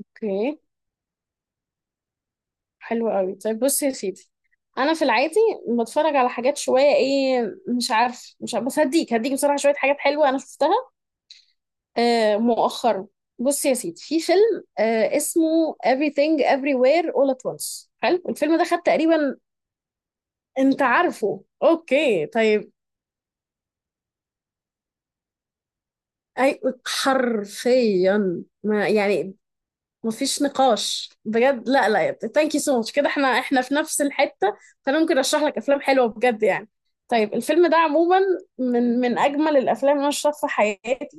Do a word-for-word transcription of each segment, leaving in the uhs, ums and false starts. اوكي، حلو قوي. طيب بص يا سيدي، انا في العادي بتفرج على حاجات شويه. ايه، مش عارف مش عارف، بس هديك هديك بصراحه شويه حاجات حلوه انا شفتها آه مؤخرا. بص يا سيدي، في فيلم آه اسمه Everything Everywhere All at Once. حلو الفيلم ده، خد تقريبا. انت عارفه؟ اوكي، طيب. اي، حرفيا، ما يعني مفيش نقاش بجد. لا لا يا ابني، ثانك يو سو ماتش. كده احنا احنا في نفس الحتة، فانا ممكن ارشح لك افلام حلوة بجد يعني. طيب الفيلم ده عموما من من اجمل الافلام اللي انا شفتها في حياتي.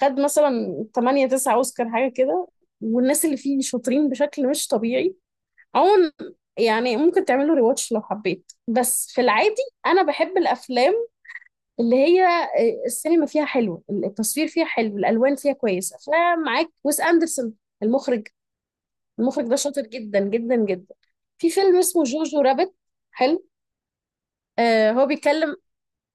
خد مثلا تمانية تسعة اوسكار حاجة كده، والناس اللي فيه شاطرين بشكل مش طبيعي. عموما يعني ممكن تعملوا ريواتش لو حبيت. بس في العادي انا بحب الافلام اللي هي آه، السينما فيها حلوة، التصوير فيها حلو، الالوان فيها كويسة. فمعاك ويس اندرسون، المخرج المخرج ده شاطر جدا جدا جدا. في فيلم اسمه جوجو رابت، حلو. آه هو بيتكلم.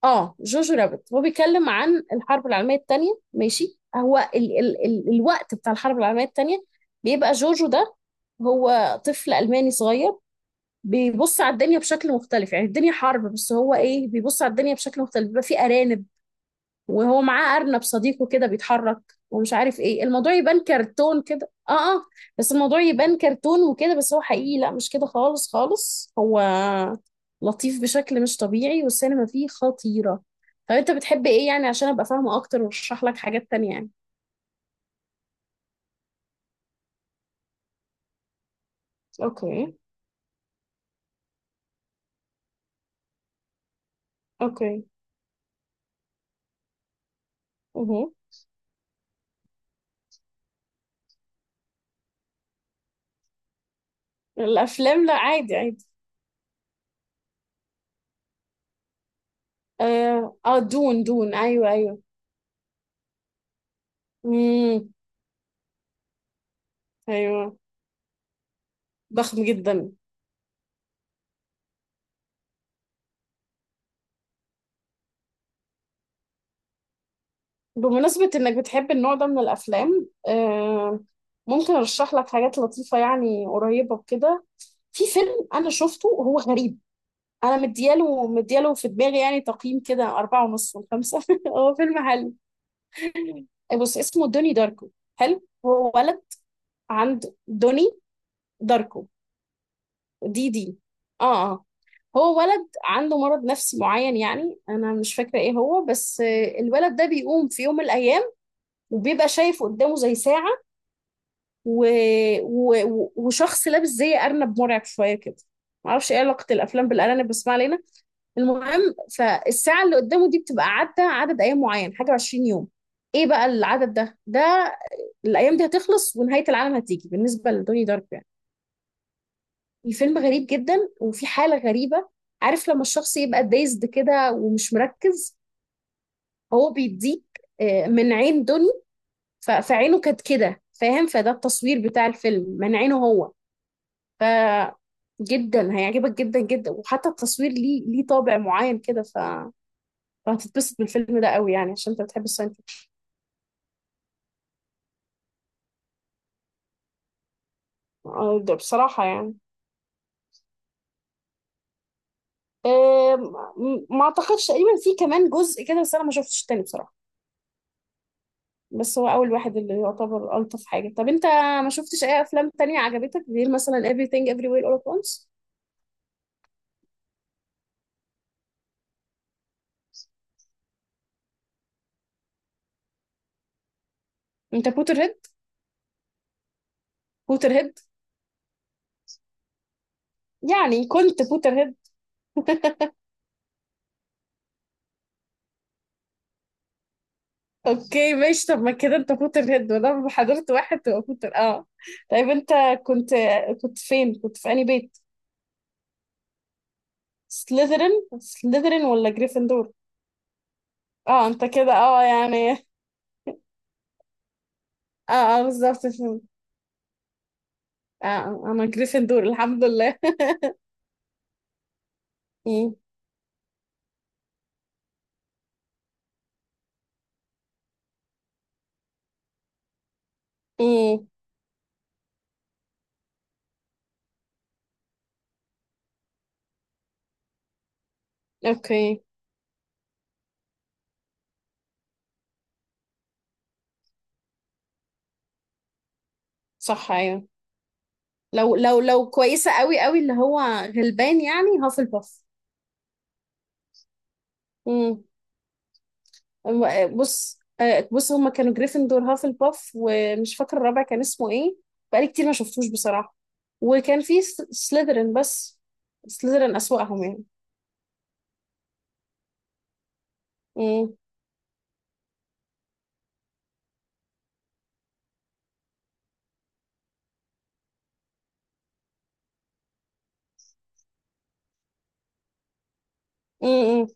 اه جوجو رابت هو بيتكلم عن الحرب العالمية التانية. ماشي، هو ال ال ال الوقت بتاع الحرب العالمية التانية. بيبقى جوجو ده هو طفل ألماني صغير، بيبص على الدنيا بشكل مختلف. يعني الدنيا حرب بس هو ايه، بيبص على الدنيا بشكل مختلف. بيبقى في أرانب، وهو معاه أرنب صديقه كده بيتحرك. ومش عارف ايه، الموضوع يبان كرتون كده. اه اه بس الموضوع يبان كرتون وكده، بس هو حقيقي. لا مش كده خالص خالص، هو لطيف بشكل مش طبيعي والسينما فيه خطيرة. طب انت بتحب ايه يعني، عشان ابقى فاهمة اكتر وارشح لك حاجات تانية يعني؟ اوكي، اوكي، اها. الافلام، لا عادي عادي. اه، آه دون دون، ايوه ايوه، امم، ايوه، ضخم جدا. بمناسبة إنك بتحب النوع ده من الأفلام، آه، ممكن أرشح لك حاجات لطيفة يعني قريبة وكده. في فيلم أنا شفته وهو غريب، أنا مدياله مدياله في دماغي يعني تقييم كده أربعة ونص من خمسة. هو فيلم حلو. بص، اسمه دوني داركو. حلو، هو ولد. عند دوني داركو، دي دي آه آه هو ولد عنده مرض نفسي معين. يعني أنا مش فاكرة إيه هو بس، آه، الولد ده بيقوم في يوم من الأيام وبيبقى شايف قدامه زي ساعة، و... و... وشخص لابس زي أرنب مرعب شوية كده. معرفش ايه علاقة الأفلام بالأرانب، بس ما علينا. المهم، فالساعة اللي قدامه دي بتبقى عدى عدد أيام معين، حاجة وعشرين يوم. ايه بقى العدد ده؟ ده الأيام دي هتخلص ونهاية العالم هتيجي بالنسبة لدوني دارك يعني. الفيلم غريب جدا وفي حالة غريبة. عارف لما الشخص يبقى دايزد كده ومش مركز؟ هو بيديك آه، من عين دوني. ف- فعينه كانت كده، فاهم؟ فده التصوير بتاع الفيلم من عينه هو. ف جدا هيعجبك جدا جدا. وحتى التصوير ليه ليه طابع معين كده. ف... فهتتبسط بالفيلم ده قوي يعني، عشان انت بتحب الساينس فيكشن. آه، ده بصراحة يعني، آم، م- ما اعتقدش. تقريبا في كمان جزء كده بس انا ما شفتش التاني بصراحة. بس هو اول واحد اللي يعتبر الطف حاجة. طب انت ما شفتش اي افلام تانية عجبتك غير مثلا Everything Everywhere All at Once؟ انت بوتر هيد؟ بوتر هيد يعني، كنت بوتر هيد؟ اوكي ماشي. طب ما كده انت فوتر هيد وانا حضرت، واحد تبقى فوتر، اه. طيب انت كنت كنت فين؟ كنت في انهي بيت؟ سليذرين سليذرين ولا جريفندور؟ اه انت كده، اه يعني. اه اه، بالظبط، فهمت. اه، آه، انا جريفندور الحمد لله. امم، امم، اوكي، صح، ايوه. لو لو لو كويسة قوي قوي، اللي هو غلبان يعني، هافلباف. امم. أم- بص، آه، بص، هما كانوا جريفندور، هافلباف، ومش فاكرة الرابع كان اسمه ايه. بقالي كتير ما شفتوش بصراحة. وكان في س- سليذرين بس. سليذرين أسوأهم يعني. مم. مم. مم.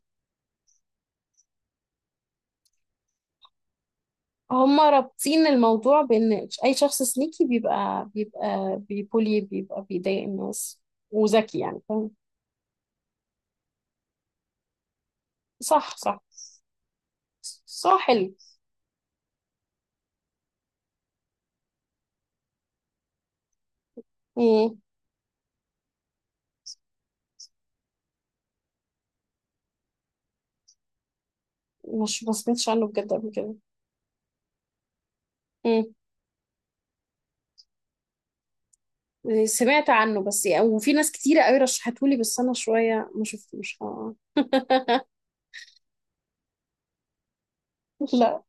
هما رابطين الموضوع بإن أي شخص سنيكي بيبقى بيبقى بيبولي، بيبقى بيضايق الناس وذكي، يعني فاهم. صح صح. صح، حلو. مم. مش ما سمعتش عنه بجد قبل كده. سمعت عنه بس يعني، وفي ناس كتيرة قوي رشحته لي، بس انا شوية ما شفتوش آه. لا،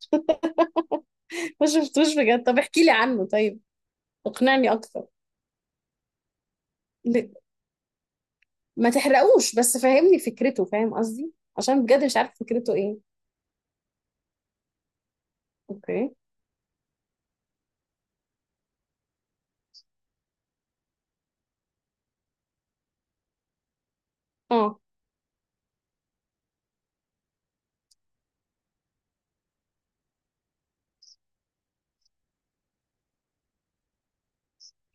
ما شفتوش بجد. طب احكي لي عنه طيب، اقنعني اكتر. ل- ما تحرقوش بس فهمني فكرته، فاهم قصدي؟ عشان بجد مش عارف فكرته ايه. اوكي. اه،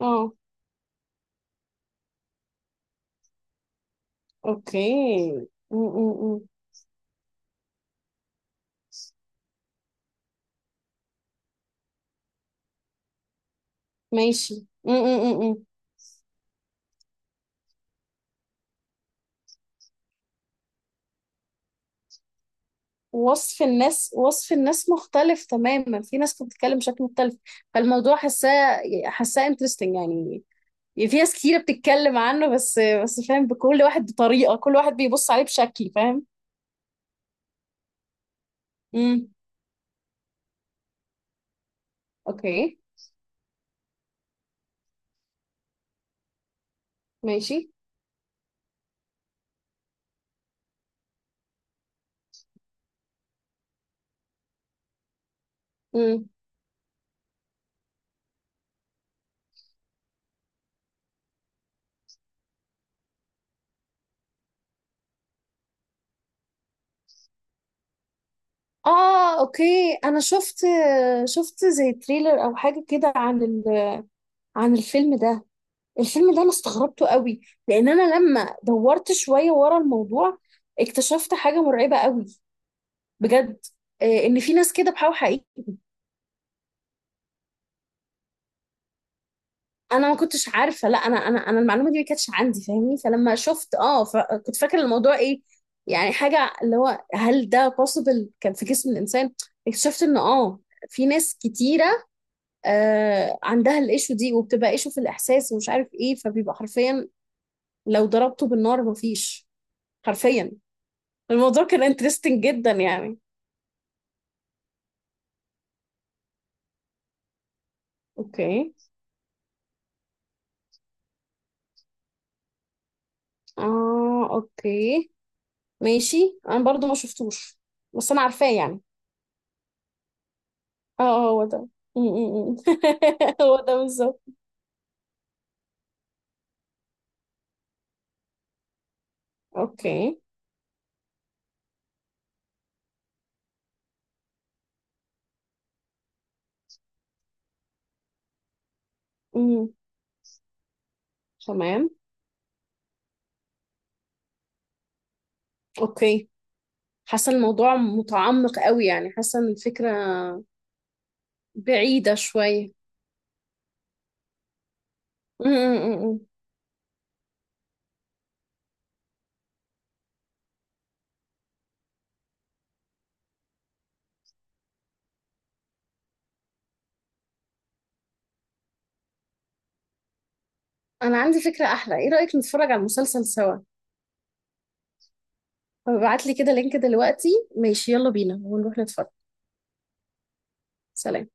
اه، اوكي. م -م -م. ماشي. م -م -م. م. وصف الناس وصف الناس مختلف تماما، في ناس بتتكلم بشكل مختلف. فالموضوع حاساه حاساه انترستنج يعني. يعني في ناس كتيرة بتتكلم عنه، بس بس فاهم، بكل واحد بطريقة، كل واحد بيبص عليه بشكل، فاهم. امم، اوكي، ماشي. امم، اه، اوكي، انا شفت شفت زي تريلر او حاجة كده عن ال... عن الفيلم ده. الفيلم ده انا استغربته قوي، لان انا لما دورت شوية ورا الموضوع، اكتشفت حاجة مرعبة قوي. بجد، آه، ان في ناس كده بحاول حقيقي. انا ما كنتش عارفه، لا، انا انا انا المعلومه دي ما كانتش عندي، فاهمني؟ فلما شفت، اه فكنت فاكره الموضوع ايه يعني، حاجه اللي هو هل ده possible كان في جسم الانسان. اكتشفت ان اه في ناس كتيره آه عندها الايشو دي، وبتبقى ايشو في الاحساس ومش عارف ايه، فبيبقى حرفيا لو ضربته بالنار مفيش. حرفيا الموضوع كان انترستنج جدا يعني. اوكي. اه، اوكي، ماشي، انا برضو ما شفتوش بس انا عارفاه يعني. اه اه، هو ده. م- م- م. هو ده بالظبط. اوكي، امم، تمام، اوكي. حاسه الموضوع متعمق قوي يعني، حاسه ان الفكره بعيده شويه. م- م- م- م. انا عندي فكره احلى، ايه رايك نتفرج على المسلسل سوا؟ فبعت لي كده لينك دلوقتي. ماشي، يلا بينا ونروح نتفرج. سلام.